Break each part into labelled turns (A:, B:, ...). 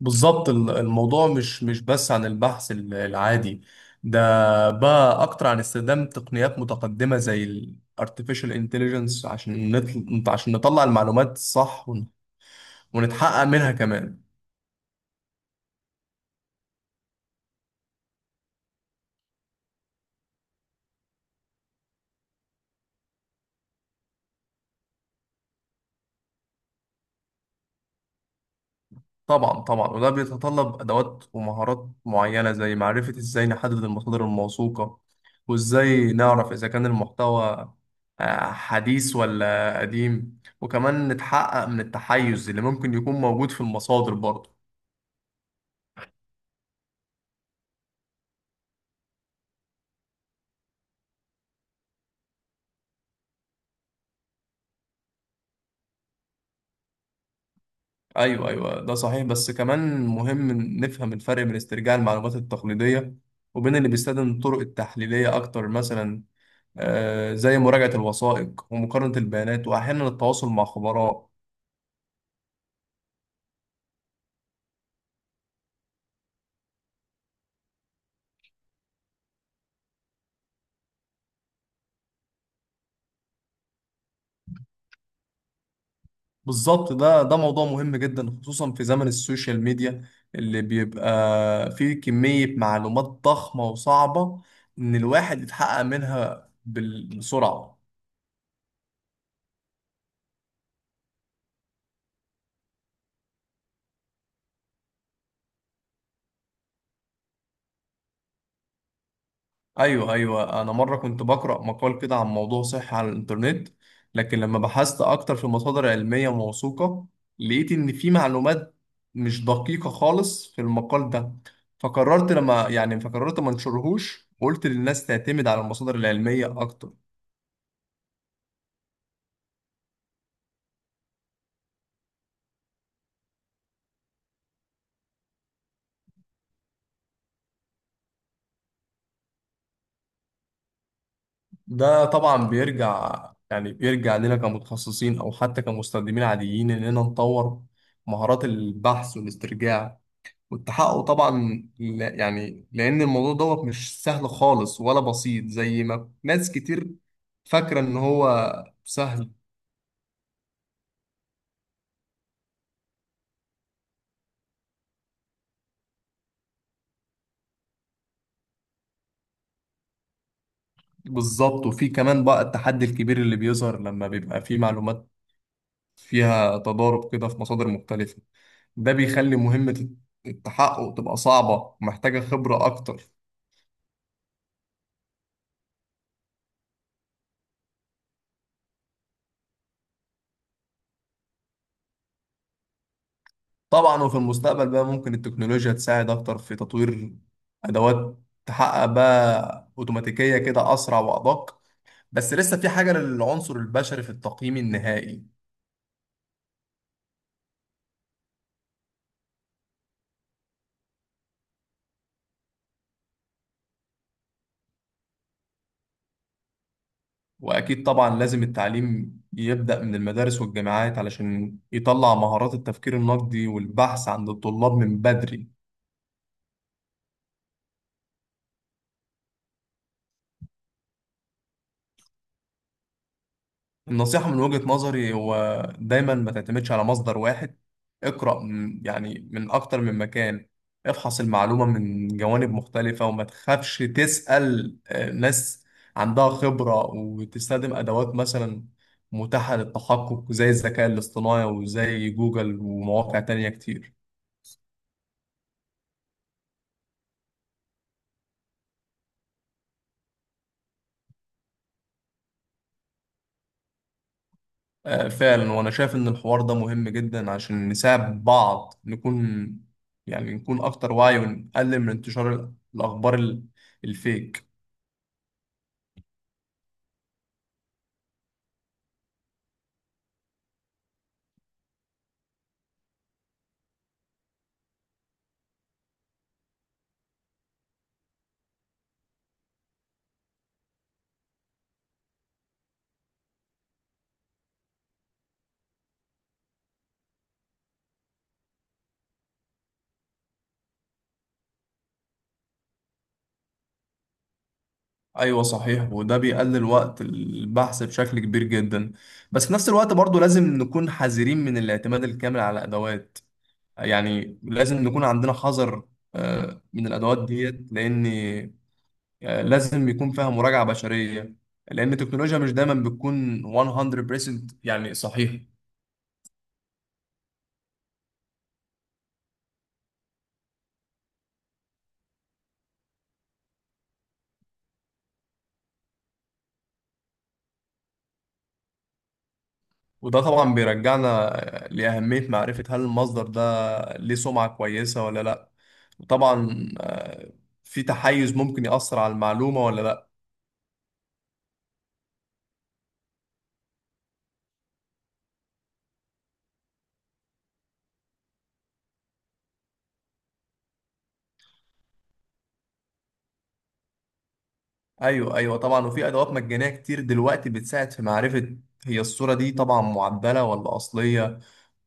A: بالظبط الموضوع مش بس عن البحث العادي ده. بقى اكتر عن استخدام تقنيات متقدمة زي ال artificial intelligence عشان عشان نطلع المعلومات الصح ونتحقق منها كمان. طبعا وده بيتطلب ادوات ومهارات معينة زي معرفة ازاي نحدد المصادر الموثوقة، وازاي نعرف اذا كان المحتوى حديث ولا قديم، وكمان نتحقق من التحيز اللي ممكن يكون موجود في المصادر برضه. ايوه ده صحيح، بس كمان مهم نفهم الفرق بين استرجاع المعلومات التقليديه وبين اللي بيستخدم الطرق التحليليه اكتر. مثلا زي مراجعه الوثائق ومقارنه البيانات واحيانا التواصل مع خبراء. بالظبط، ده موضوع مهم جدا خصوصا في زمن السوشيال ميديا، اللي بيبقى فيه كميه معلومات ضخمه وصعبه ان الواحد يتحقق منها بسرعه. ايوه انا مره كنت بقرا مقال كده عن موضوع صحي على الانترنت، لكن لما بحثت اكتر في مصادر علميه موثوقه لقيت ان في معلومات مش دقيقه خالص في المقال ده. فقررت لما يعني فقررت ما انشرهوش وقلت للناس تعتمد على المصادر العلميه اكتر. ده طبعا بيرجع، بيرجع لنا كمتخصصين او حتى كمستخدمين عاديين، اننا نطور مهارات البحث والاسترجاع والتحقق طبعا. لان الموضوع دوت مش سهل خالص ولا بسيط زي ما ناس كتير فاكره ان هو سهل. بالظبط، وفي كمان بقى التحدي الكبير اللي بيظهر لما بيبقى في معلومات فيها تضارب كده في مصادر مختلفه. ده بيخلي مهمه التحقق تبقى صعبه ومحتاجه خبره اكتر. طبعا، وفي المستقبل بقى ممكن التكنولوجيا تساعد اكتر في تطوير ادوات تحقق بقى اوتوماتيكيه كده، اسرع وادق. بس لسه في حاجة للعنصر البشري في التقييم النهائي. وأكيد طبعا لازم التعليم يبدأ من المدارس والجامعات علشان يطلع مهارات التفكير النقدي والبحث عند الطلاب من بدري. النصيحة من وجهة نظري هو دايما ما تعتمدش على مصدر واحد. اقرأ من أكتر من مكان، افحص المعلومة من جوانب مختلفة وما تخافش تسأل ناس عندها خبرة، وتستخدم أدوات مثلا متاحة للتحقق زي الذكاء الاصطناعي وزي جوجل ومواقع تانية كتير. فعلا، وأنا شايف إن الحوار ده مهم جدا عشان نساعد بعض نكون، نكون أكتر وعي ونقلل من انتشار الأخبار الفيك. ايوه صحيح، وده بيقلل وقت البحث بشكل كبير جدا، بس في نفس الوقت برضو لازم نكون حذرين من الاعتماد الكامل على ادوات. يعني لازم نكون عندنا حذر من الادوات ديت. لان لازم يكون فيها مراجعة بشرية، لان التكنولوجيا مش دايما بتكون 100% يعني صحيح. وده طبعا بيرجعنا لأهمية معرفة هل المصدر ده ليه سمعة كويسة ولا لا، وطبعا في تحيز ممكن يأثر على المعلومة ولا. ايوه طبعا، وفي ادوات مجانيه كتير دلوقتي بتساعد في معرفه هي الصوره دي طبعا معدله ولا اصليه.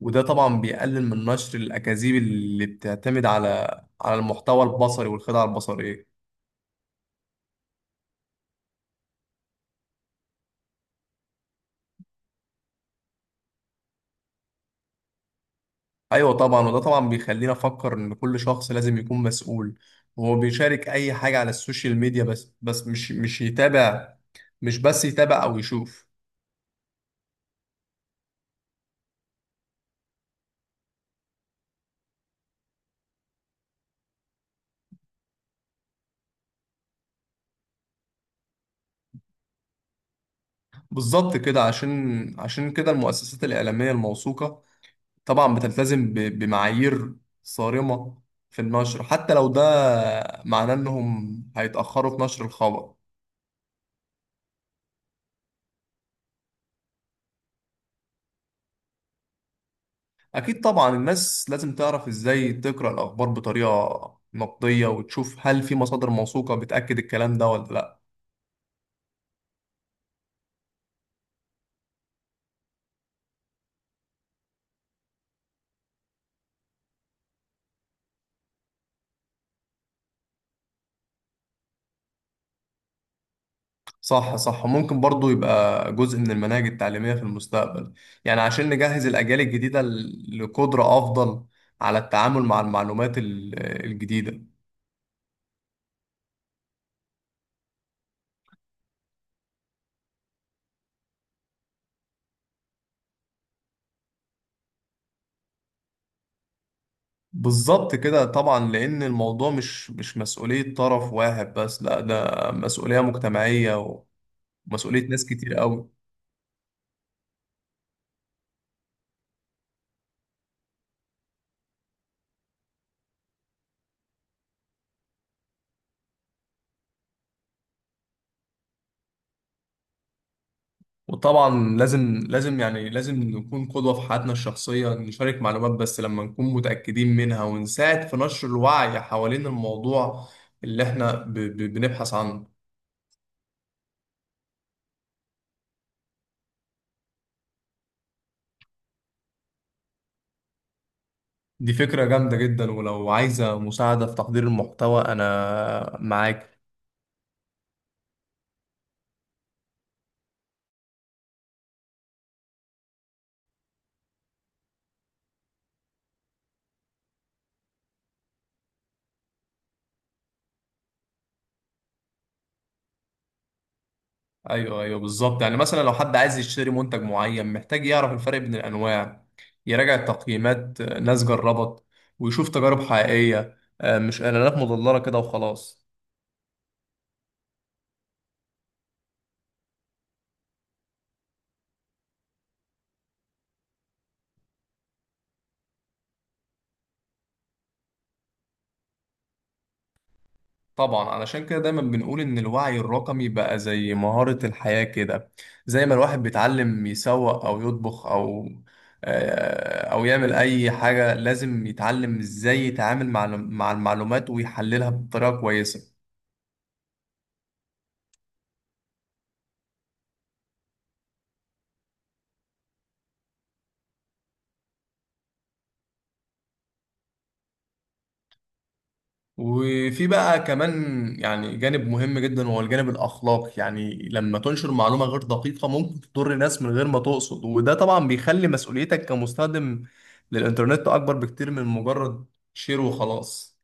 A: وده طبعا بيقلل من نشر الاكاذيب اللي بتعتمد على المحتوى البصري والخدع البصريه. ايوه طبعا، وده طبعا بيخلينا نفكر ان كل شخص لازم يكون مسؤول وهو بيشارك اي حاجه على السوشيال ميديا، بس مش يتابع، مش بس يتابع او يشوف. بالظبط كده، عشان كده المؤسسات الاعلاميه الموثوقه طبعا بتلتزم بمعايير صارمة في النشر، حتى لو ده معناه إنهم هيتأخروا في نشر الخبر. أكيد طبعا، الناس لازم تعرف إزاي تقرأ الأخبار بطريقة نقدية، وتشوف هل في مصادر موثوقة بتأكد الكلام ده ولا لأ. صح ممكن برضو يبقى جزء من المناهج التعليمية في المستقبل، يعني عشان نجهز الأجيال الجديدة لقدرة أفضل على التعامل مع المعلومات الجديدة. بالظبط كده، طبعا لأن الموضوع مش مسؤولية طرف واحد بس، لا ده مسؤولية مجتمعية ومسؤولية ناس كتير قوي. وطبعا لازم نكون قدوة في حياتنا الشخصية، نشارك معلومات بس لما نكون متأكدين منها، ونساعد في نشر الوعي حوالين الموضوع اللي احنا ب ب بنبحث عنه. دي فكرة جامدة جدا، ولو عايزة مساعدة في تحضير المحتوى أنا معاك. ايوه بالظبط، يعني مثلا لو حد عايز يشتري منتج معين محتاج يعرف الفرق بين الانواع، يراجع التقييمات ناس جربت، ويشوف تجارب حقيقية مش إعلانات مضللة كده وخلاص. طبعا، علشان كده دايما بنقول إن الوعي الرقمي بقى زي مهارة الحياة كده. زي ما الواحد بيتعلم يسوق أو يطبخ أو أو يعمل أي حاجة، لازم يتعلم إزاي يتعامل مع المعلومات ويحللها بطريقة كويسة. وفي بقى كمان جانب مهم جدا وهو الجانب الأخلاقي، يعني لما تنشر معلومة غير دقيقة ممكن تضر ناس من غير ما تقصد، وده طبعا بيخلي مسؤوليتك كمستخدم للإنترنت أكبر بكتير من مجرد شير وخلاص.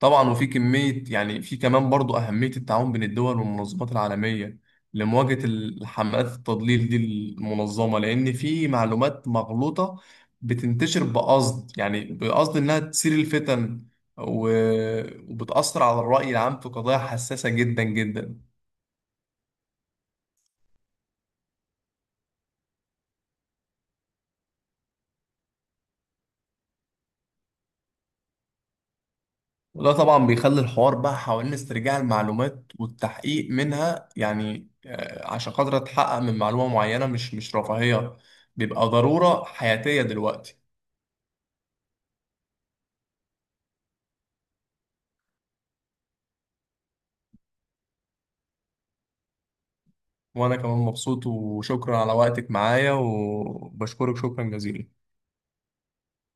A: طبعا، وفي كمية يعني في كمان برضو أهمية التعاون بين الدول والمنظمات العالمية لمواجهة الحملات التضليل دي المنظمة، لأن في معلومات مغلوطة بتنتشر بقصد، يعني بقصد إنها تثير الفتن و- وبتأثر على الرأي العام في قضايا حساسة جدا جدا. وده طبعا بيخلي الحوار بقى حوالين استرجاع المعلومات والتحقيق منها، يعني عشان خاطر أتحقق من معلومة معينة، مش رفاهية، بيبقى ضرورة حياتية دلوقتي. وانا كمان مبسوط، وشكرا على وقتك معايا، وبشكرك شكرا جزيلا.